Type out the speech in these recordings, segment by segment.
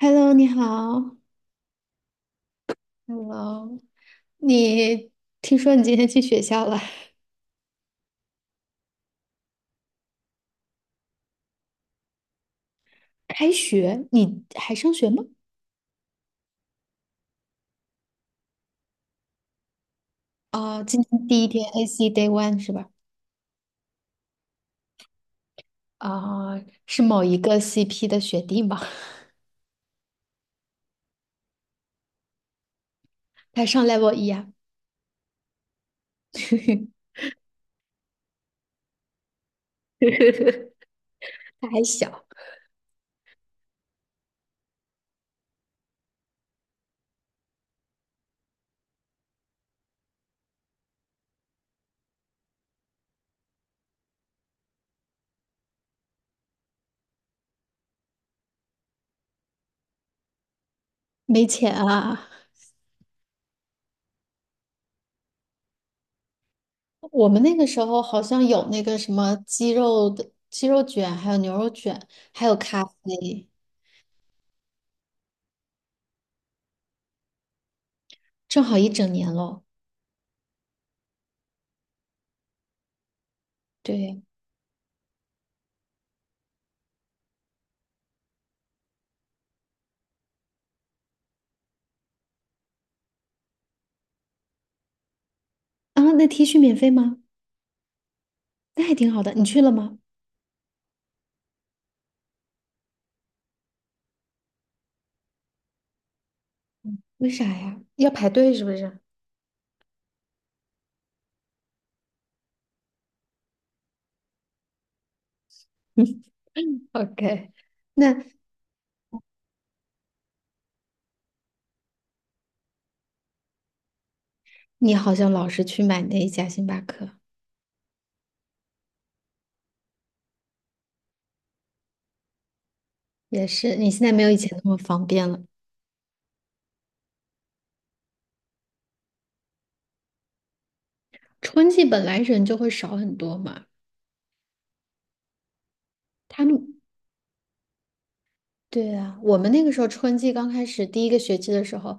Hello，你好。Hello，你听说你今天去学校了？开学，你还上学吗？啊、今天第一天 AC Day One 是吧？啊、是某一个 CP 的学弟吗？他上 Level 一啊，他还小，没钱啊。我们那个时候好像有那个什么鸡肉卷，还有牛肉卷，还有咖啡，正好一整年喽。对，啊，那 T 恤免费吗？那还挺好的，你去了吗？为啥呀？要排队是不是 ？OK，那你好像老是去买那一家星巴克，也是，你现在没有以前那么方便了。春季本来人就会少很多嘛，他们对啊，我们那个时候春季刚开始第一个学期的时候，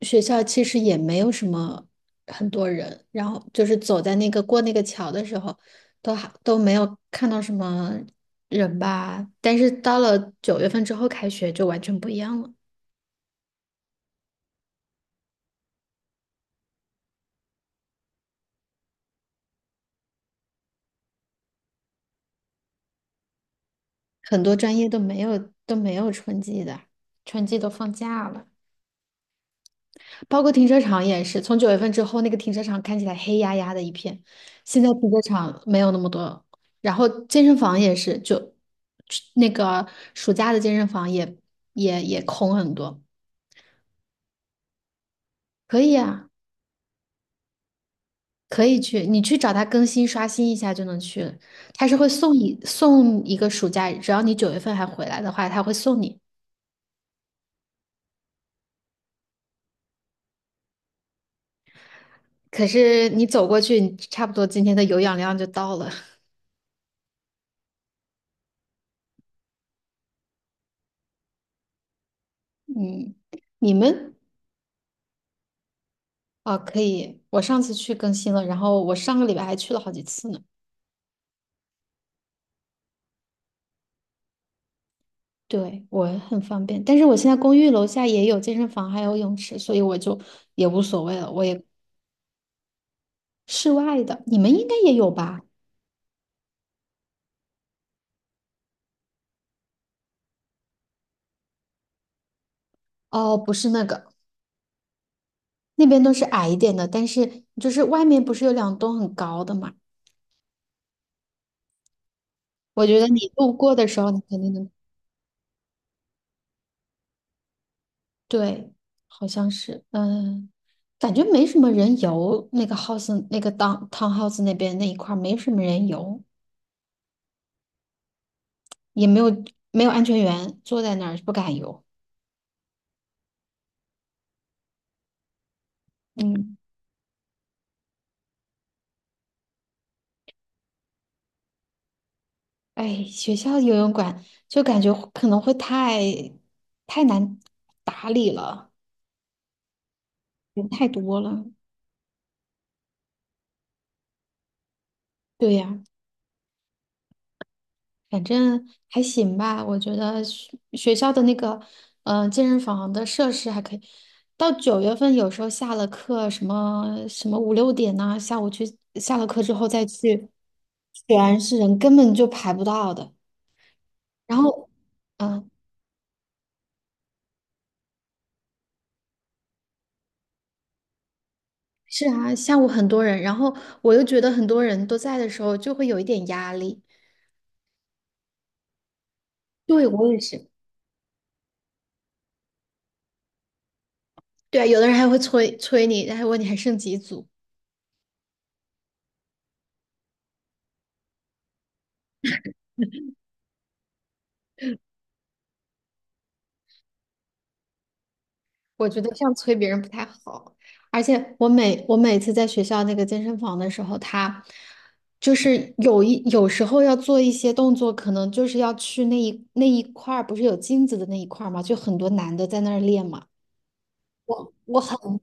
学校其实也没有什么很多人，然后就是走在那个过那个桥的时候，都还都没有看到什么人吧。但是到了九月份之后开学就完全不一样了，很多专业都没有春季的，春季都放假了。包括停车场也是，从九月份之后，那个停车场看起来黑压压的一片，现在停车场没有那么多，然后健身房也是，就那个暑假的健身房也空很多。可以啊，可以去，你去找他更新刷新一下就能去了他是会送一个暑假，只要你九月份还回来的话，他会送你。可是你走过去，你差不多今天的有氧量就到了。嗯，你们啊，可以。我上次去更新了，然后我上个礼拜还去了好几次呢。对，我很方便，但是我现在公寓楼下也有健身房，还有泳池，所以我就也无所谓了。我也室外的，你们应该也有吧？哦，不是那个，那边都是矮一点的，但是就是外面不是有两栋很高的嘛？我觉得你路过的时候，你肯定能。对，好像是，嗯，感觉没什么人游，那个 house 那个 d o townhouse 那边那一块儿没什么人游。也没有没有安全员，坐在那儿不敢游。嗯，哎，学校游泳馆就感觉会可能会太太难打理了，人太多了。对呀，反正还行吧，我觉得学校的那个健身房的设施还可以。到九月份有时候下了课，什么什么五六点呐、下午去下了课之后再去，全是人，根本就排不到的。然后。嗯，是啊，下午很多人，然后我又觉得很多人都在的时候就会有一点压力。对，我也是。对啊有的人还会催催你，还问你还剩几组。我觉得这样催别人不太好。而且我每次在学校那个健身房的时候，他就是有时候要做一些动作，可能就是要去那一块儿，不是有镜子的那一块儿嘛，就很多男的在那儿练嘛。我很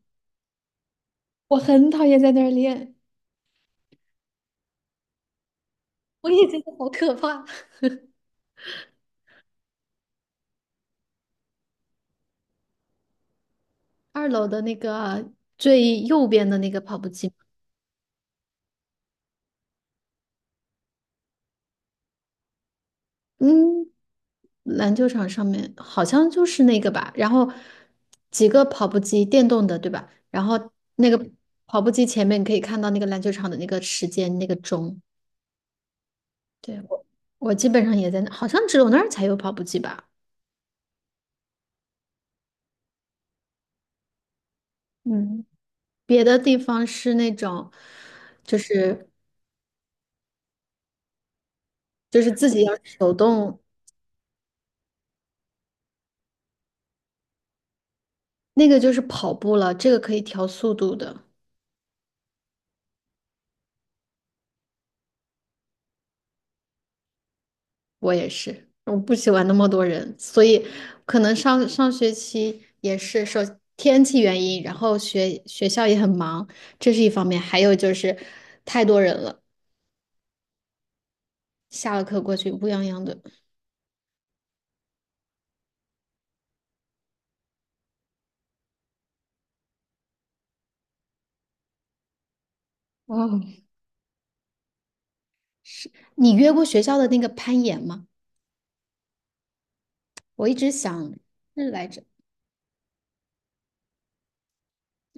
讨厌在那儿练，我也觉得好可怕。二楼的那个啊最右边的那个跑步机，嗯，篮球场上面好像就是那个吧。然后几个跑步机，电动的，对吧？然后那个跑步机前面可以看到那个篮球场的那个时间，那个钟。对，我基本上也在那，好像只有那儿才有跑步机吧。嗯，别的地方是那种，就是自己要手动，那个就是跑步了，这个可以调速度的。我也是，我不喜欢那么多人，所以可能上上学期也是受天气原因，然后学校也很忙，这是一方面，还有就是太多人了，下了课过去乌泱泱的。哦，是你约过学校的那个攀岩吗？我一直想是来着，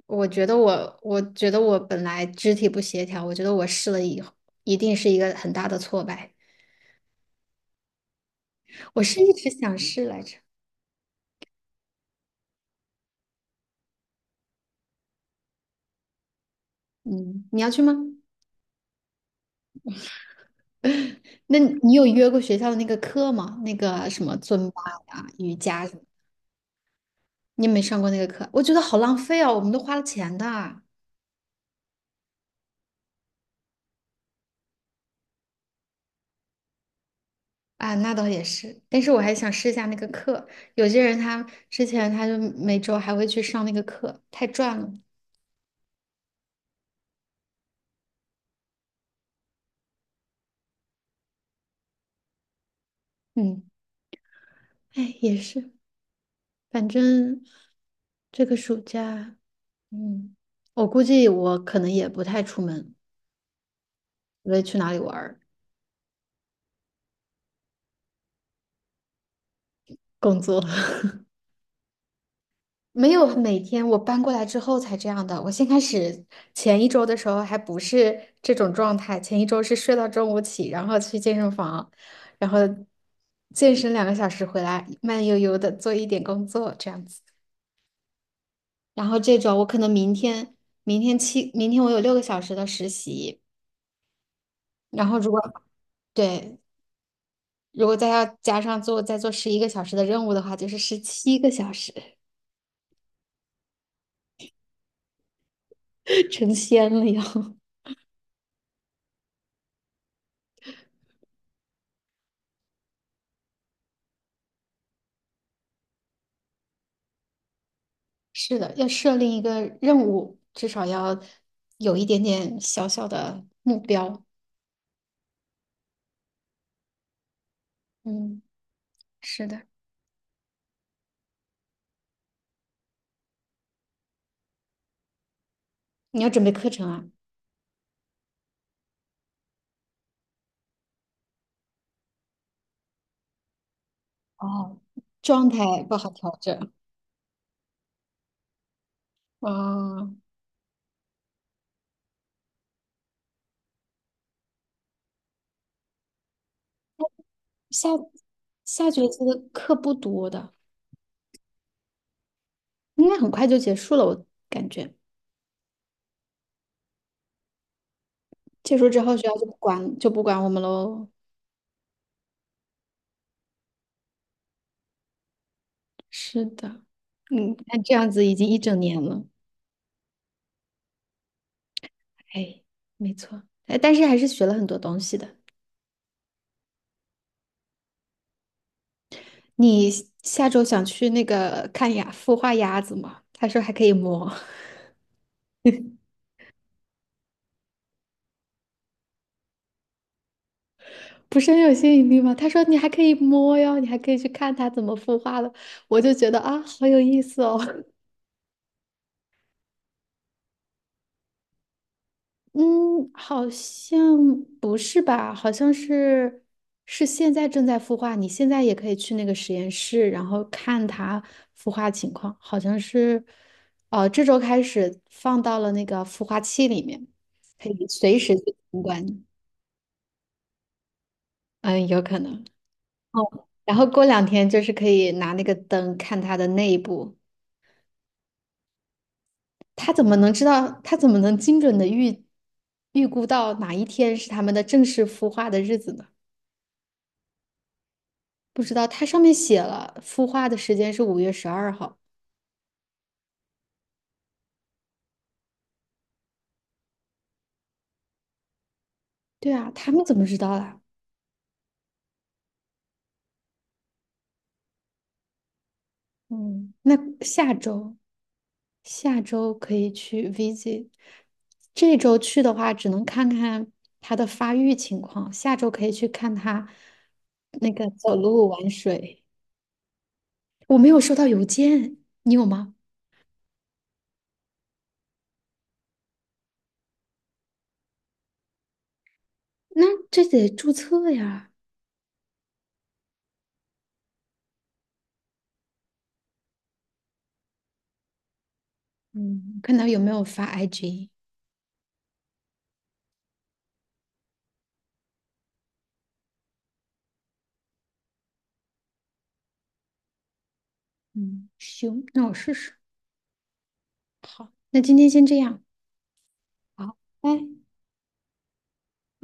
我觉得我本来肢体不协调，我觉得我试了以后一定是一个很大的挫败，我是一直想试来着。嗯，你要去吗？那你有约过学校的那个课吗？那个什么尊巴呀、瑜伽什么？你有没有上过那个课？我觉得好浪费哦，我们都花了钱的啊。那倒也是，但是我还想试一下那个课。有些人他之前他就每周还会去上那个课，太赚了。嗯，哎，也是，反正这个暑假，嗯，我估计我可能也不太出门，我也去哪里玩儿，工作。没有每天，我搬过来之后才这样的。我先开始前一周的时候还不是这种状态，前一周是睡到中午起，然后去健身房，然后健身2个小时回来，慢悠悠的做一点工作这样子。然后这种我可能明天，明天七，明天我有6个小时的实习，然后如果对，如果再要加上再做11个小时的任务的话，就是17个小时，成仙了要。是的，要设立一个任务，至少要有一点点小小的目标。嗯，是的，你要准备课程啊。哦，状态不好调整。啊，下下学期的课不多的，应该很快就结束了，我感觉。结束之后，学校就不管我们喽。是的，嗯，那这样子已经一整年了。哎，没错，哎，但是还是学了很多东西的。你下周想去那个看牙孵化鸭子吗？他说还可以摸，不是很有吸引力吗？他说你还可以摸哟，你还可以去看它怎么孵化的，我就觉得啊，好有意思哦。嗯，好像不是吧？好像是现在正在孵化，你现在也可以去那个实验室，然后看它孵化情况。好像是，哦，这周开始放到了那个孵化器里面，可以随时去参观。嗯，有可能。哦，然后过两天就是可以拿那个灯看它的内部，他怎么能知道？他怎么能精准的预估到哪一天是他们的正式孵化的日子呢？不知道，它上面写了孵化的时间是5月12号。对啊，他们怎么知道的？嗯，那下周下周可以去 visit，这周去的话只能看看它的发育情况，下周可以去看它那个走路玩水。我没有收到邮件，你有吗？那这得注册呀。嗯，看他有没有发 IG。嗯，行，那我试试。好，那今天先这样。好，拜。